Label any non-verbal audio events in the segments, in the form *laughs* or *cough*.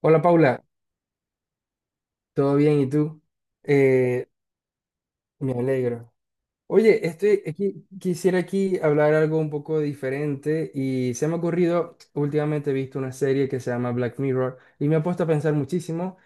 Hola, Paula, ¿todo bien? ¿Y tú? Eh, Me alegro. Oye, estoy aquí, quisiera aquí hablar algo un poco diferente y se me ha ocurrido, últimamente he visto una serie que se llama Black Mirror y me ha puesto a pensar muchísimo.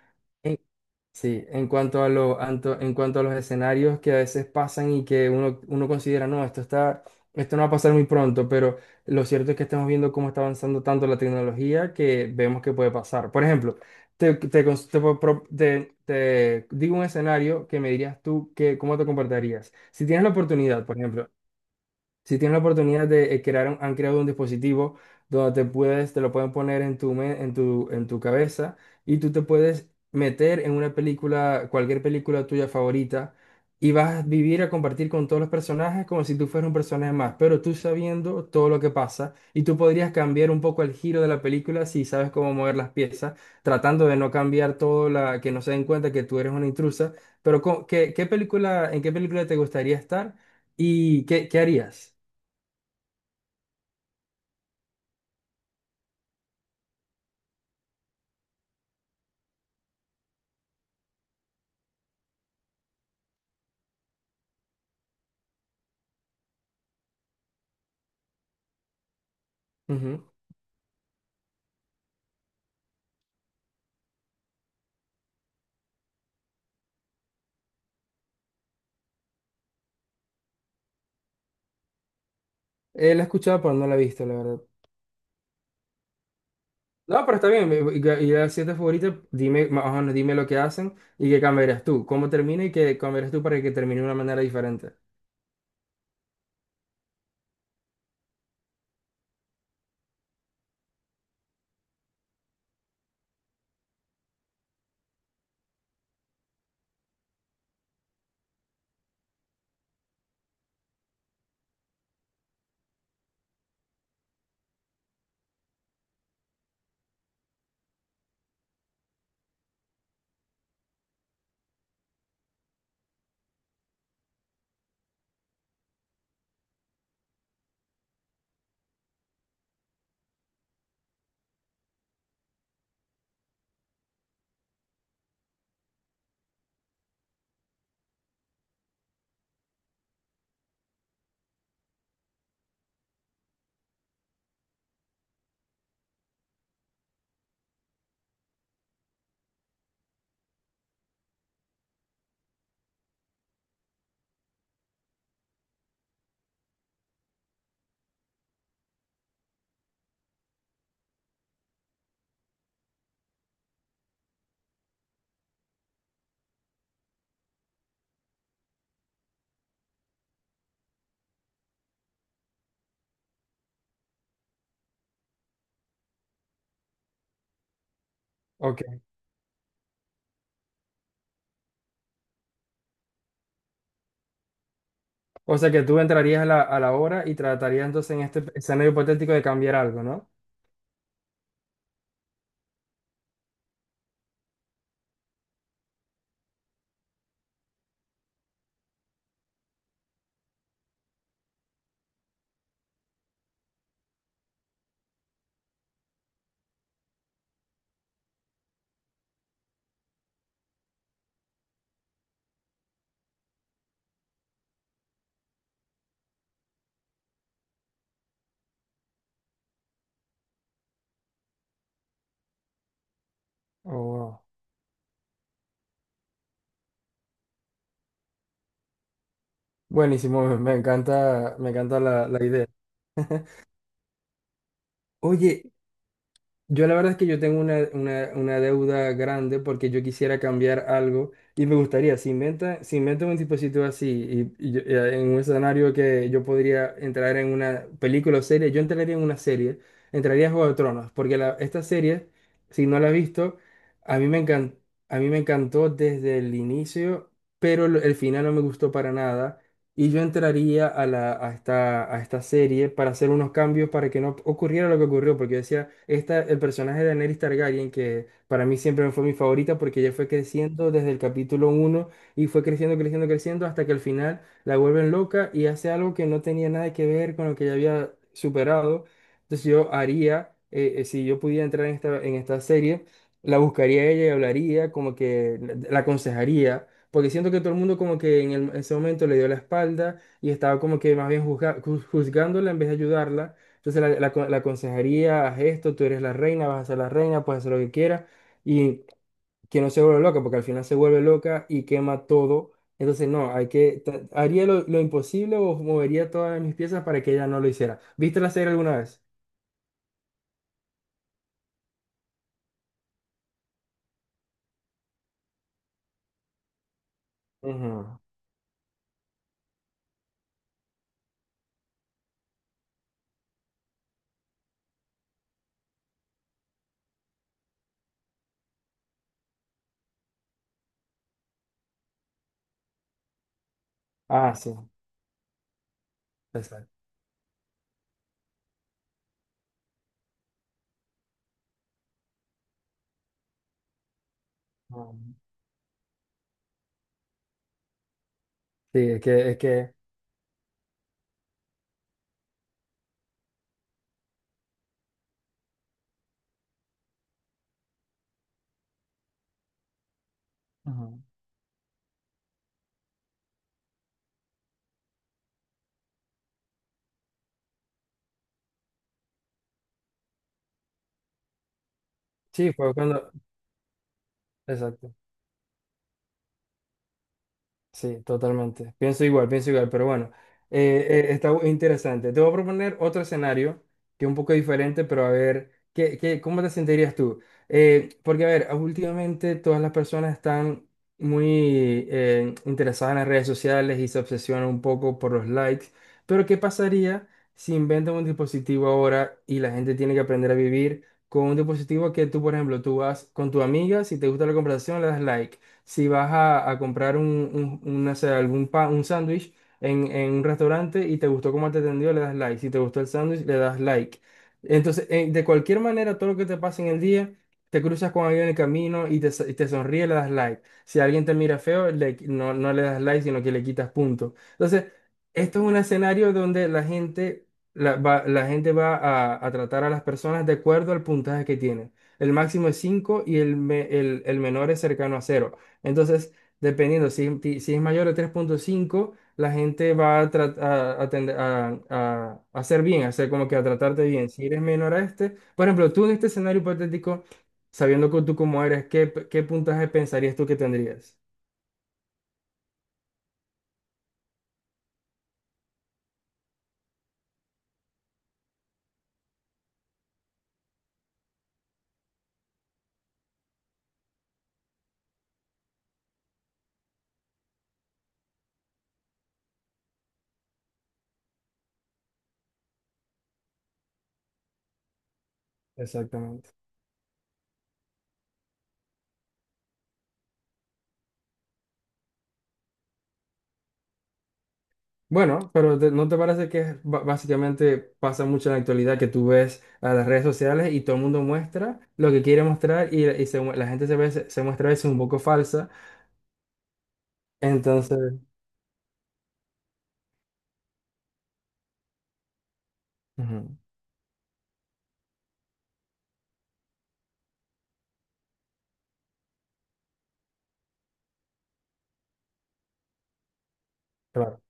Sí, en cuanto a lo, en cuanto a los escenarios que a veces pasan y que uno considera, no, esto está, esto no va a pasar muy pronto, pero lo cierto es que estamos viendo cómo está avanzando tanto la tecnología que vemos que puede pasar. Por ejemplo, te cons- te pro- pro- te- te digo un escenario que me dirías tú que, cómo te comportarías. Si tienes la oportunidad, por ejemplo, si tienes la oportunidad de crear, han creado un dispositivo donde te puedes, te lo pueden poner en tu, me- en tu cabeza y tú te puedes meter en una película, cualquier película tuya favorita y vas a vivir a compartir con todos los personajes como si tú fueras un personaje más, pero tú sabiendo todo lo que pasa y tú podrías cambiar un poco el giro de la película si sabes cómo mover las piezas, tratando de no cambiar todo la, que no se den cuenta que tú eres una intrusa, pero ¿qué, qué película, en qué película te gustaría estar y qué, qué harías? Ujú. La he escuchado, pero no la he visto, la verdad. No, pero está bien. Y la siete favorita, dime, más o menos, dime lo que hacen y qué cambiarías tú. ¿Cómo termina y qué cambiarías tú para que termine de una manera diferente? Ok. O sea que tú entrarías a la obra y tratarías entonces en este escenario hipotético de cambiar algo, ¿no? Oh, wow. Buenísimo, me encanta, me encanta la, la idea. Oye, yo la verdad es que yo tengo una, una deuda grande porque yo quisiera cambiar algo y me gustaría, si inventa si inventan un dispositivo así y, en un escenario que yo podría entrar en una película o serie, yo entraría en una serie, entraría a Juego de Tronos, porque esta serie, si no la has visto, a mí me encan- a mí me encantó desde el inicio, pero el final no me gustó para nada y yo entraría a, la, a esta serie para hacer unos cambios para que no ocurriera lo que ocurrió, porque yo decía, esta, el personaje de Daenerys Targaryen, que para mí siempre fue mi favorita, porque ella fue creciendo desde el capítulo uno y fue creciendo, hasta que al final la vuelven loca y hace algo que no tenía nada que ver con lo que ella había superado. Entonces yo haría, si yo pudiera entrar en esta serie, la buscaría a ella y hablaría, como que la aconsejaría porque siento que todo el mundo como que en, ese momento le dio la espalda y estaba como que más bien juzgándola en vez de ayudarla. Entonces la, la aconsejaría, haz esto, tú eres la reina, vas a ser la reina, puedes hacer lo que quieras. Y que no se vuelva loca, porque al final se vuelve loca y quema todo. Entonces no, hay que, haría lo imposible o movería todas mis piezas para que ella no lo hiciera. ¿Viste la serie alguna vez? Ujú. Ah, sí, exacto. Ujú. Sí, es que, ujú. Sí, fue cuando, exacto. Sí, totalmente. Pienso igual, pero bueno, interesante. Te voy a proponer otro escenario que es un poco diferente, pero a ver, ¿qué, qué, cómo te sentirías tú? Porque, a ver, últimamente todas las personas están muy interesadas en las redes sociales y se obsesionan un poco por los likes, pero ¿qué pasaría si inventan un dispositivo ahora y la gente tiene que aprender a vivir con un dispositivo que tú, por ejemplo, tú vas con tu amiga, si te gusta la conversación, le das like. Si vas a comprar un, no sé, algún pan, un sándwich en un restaurante y te gustó cómo te atendió, le das like. Si te gustó el sándwich, le das like. Entonces, de cualquier manera, todo lo que te pasa en el día, te cruzas con alguien en el camino y te, y te sonríe, le das like. Si alguien te mira feo, no, no le das like, sino que le quitas puntos. Entonces, esto es un escenario donde la gente... la gente va a tratar a las personas de acuerdo al puntaje que tienen. El máximo es 5 y el menor es cercano a cero, entonces, dependiendo, si, si es mayor de tres punto cinco la gente va a, a hacer bien, a hacer como que a tratarte bien. Si eres menor a este, por ejemplo, tú en este escenario hipotético, sabiendo que tú cómo eres, ¿qué, qué puntaje pensarías tú que tendrías? Exactamente. Bueno, pero ¿no te parece que es básicamente pasa mucho en la actualidad que tú ves a las redes sociales y todo el mundo muestra lo que quiere mostrar y se la gente se, ve, se muestra a veces un poco falsa? Entonces, ujú, claro.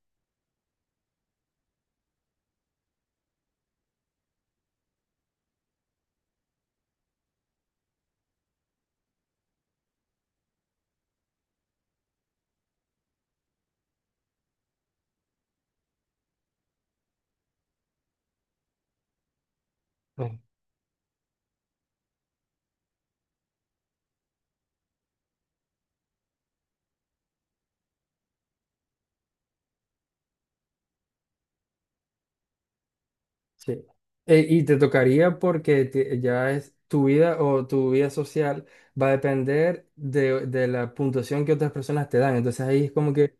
Sí. Y te tocaría porque ya es tu vida o tu vida social va a depender de la puntuación que otras personas te dan. Entonces ahí es como que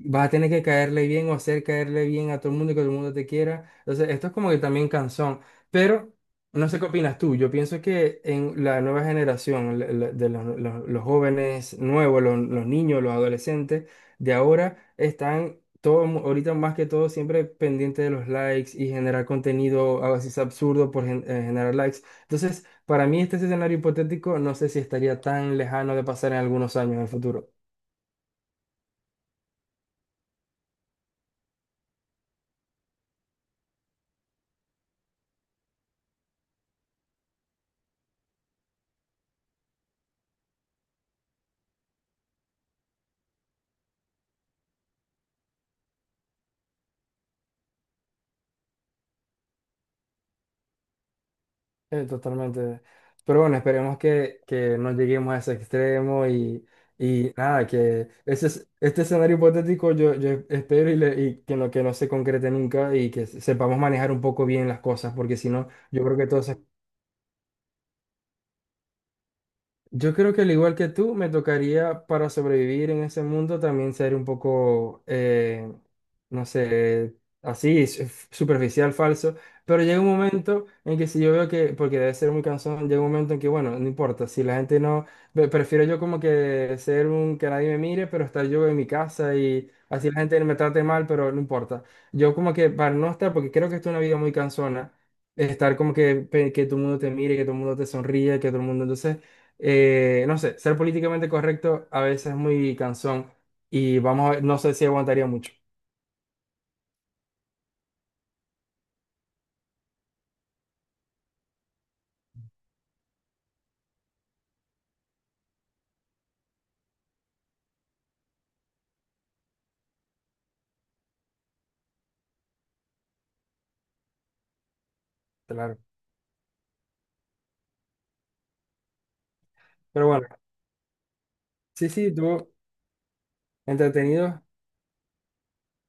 vas a tener que caerle bien o hacer caerle bien a todo el mundo y que todo el mundo te quiera. Entonces, esto es como que también cansón. Pero no sé qué opinas tú. Yo pienso que en la nueva generación, de los, los jóvenes nuevos, los niños, los adolescentes de ahora, están todos, ahorita más que todo, siempre pendientes de los likes y generar contenido a veces absurdo por generar likes. Entonces, para mí, este escenario hipotético no sé si estaría tan lejano de pasar en algunos años en el futuro. Totalmente. Pero bueno, esperemos que no lleguemos a ese extremo y nada, que ese, este escenario hipotético yo, yo espero y, y que no se concrete nunca y que sepamos manejar un poco bien las cosas, porque si no, yo creo que todas esas. Yo creo que al igual que tú, me tocaría para sobrevivir en ese mundo también ser un poco, no sé, así, superficial, falso. Pero llega un momento en que si yo veo que, porque debe ser muy cansón, llega un momento en que, bueno, no importa, si la gente no, prefiero yo como que ser un que nadie me mire, pero estar yo en mi casa y así la gente me trate mal, pero no importa. Yo como que para no estar, porque creo que esto es una vida muy cansona, estar como que, que todo el mundo te mire, que todo el mundo te sonríe, que todo el mundo, entonces no sé, ser políticamente correcto a veces es muy cansón y vamos a ver, no sé si aguantaría mucho, claro. Pero bueno, sí, sí, tú, entretenido,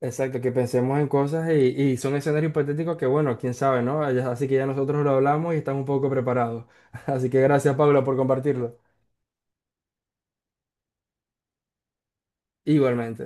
exacto, que pensemos en cosas y son escenarios hipotéticos que, bueno, quién sabe, ¿no? Ya- Así que ya nosotros lo hablamos y estamos un poco preparados. *laughs* Así que gracias, Paula, por compartirlo. Igualmente.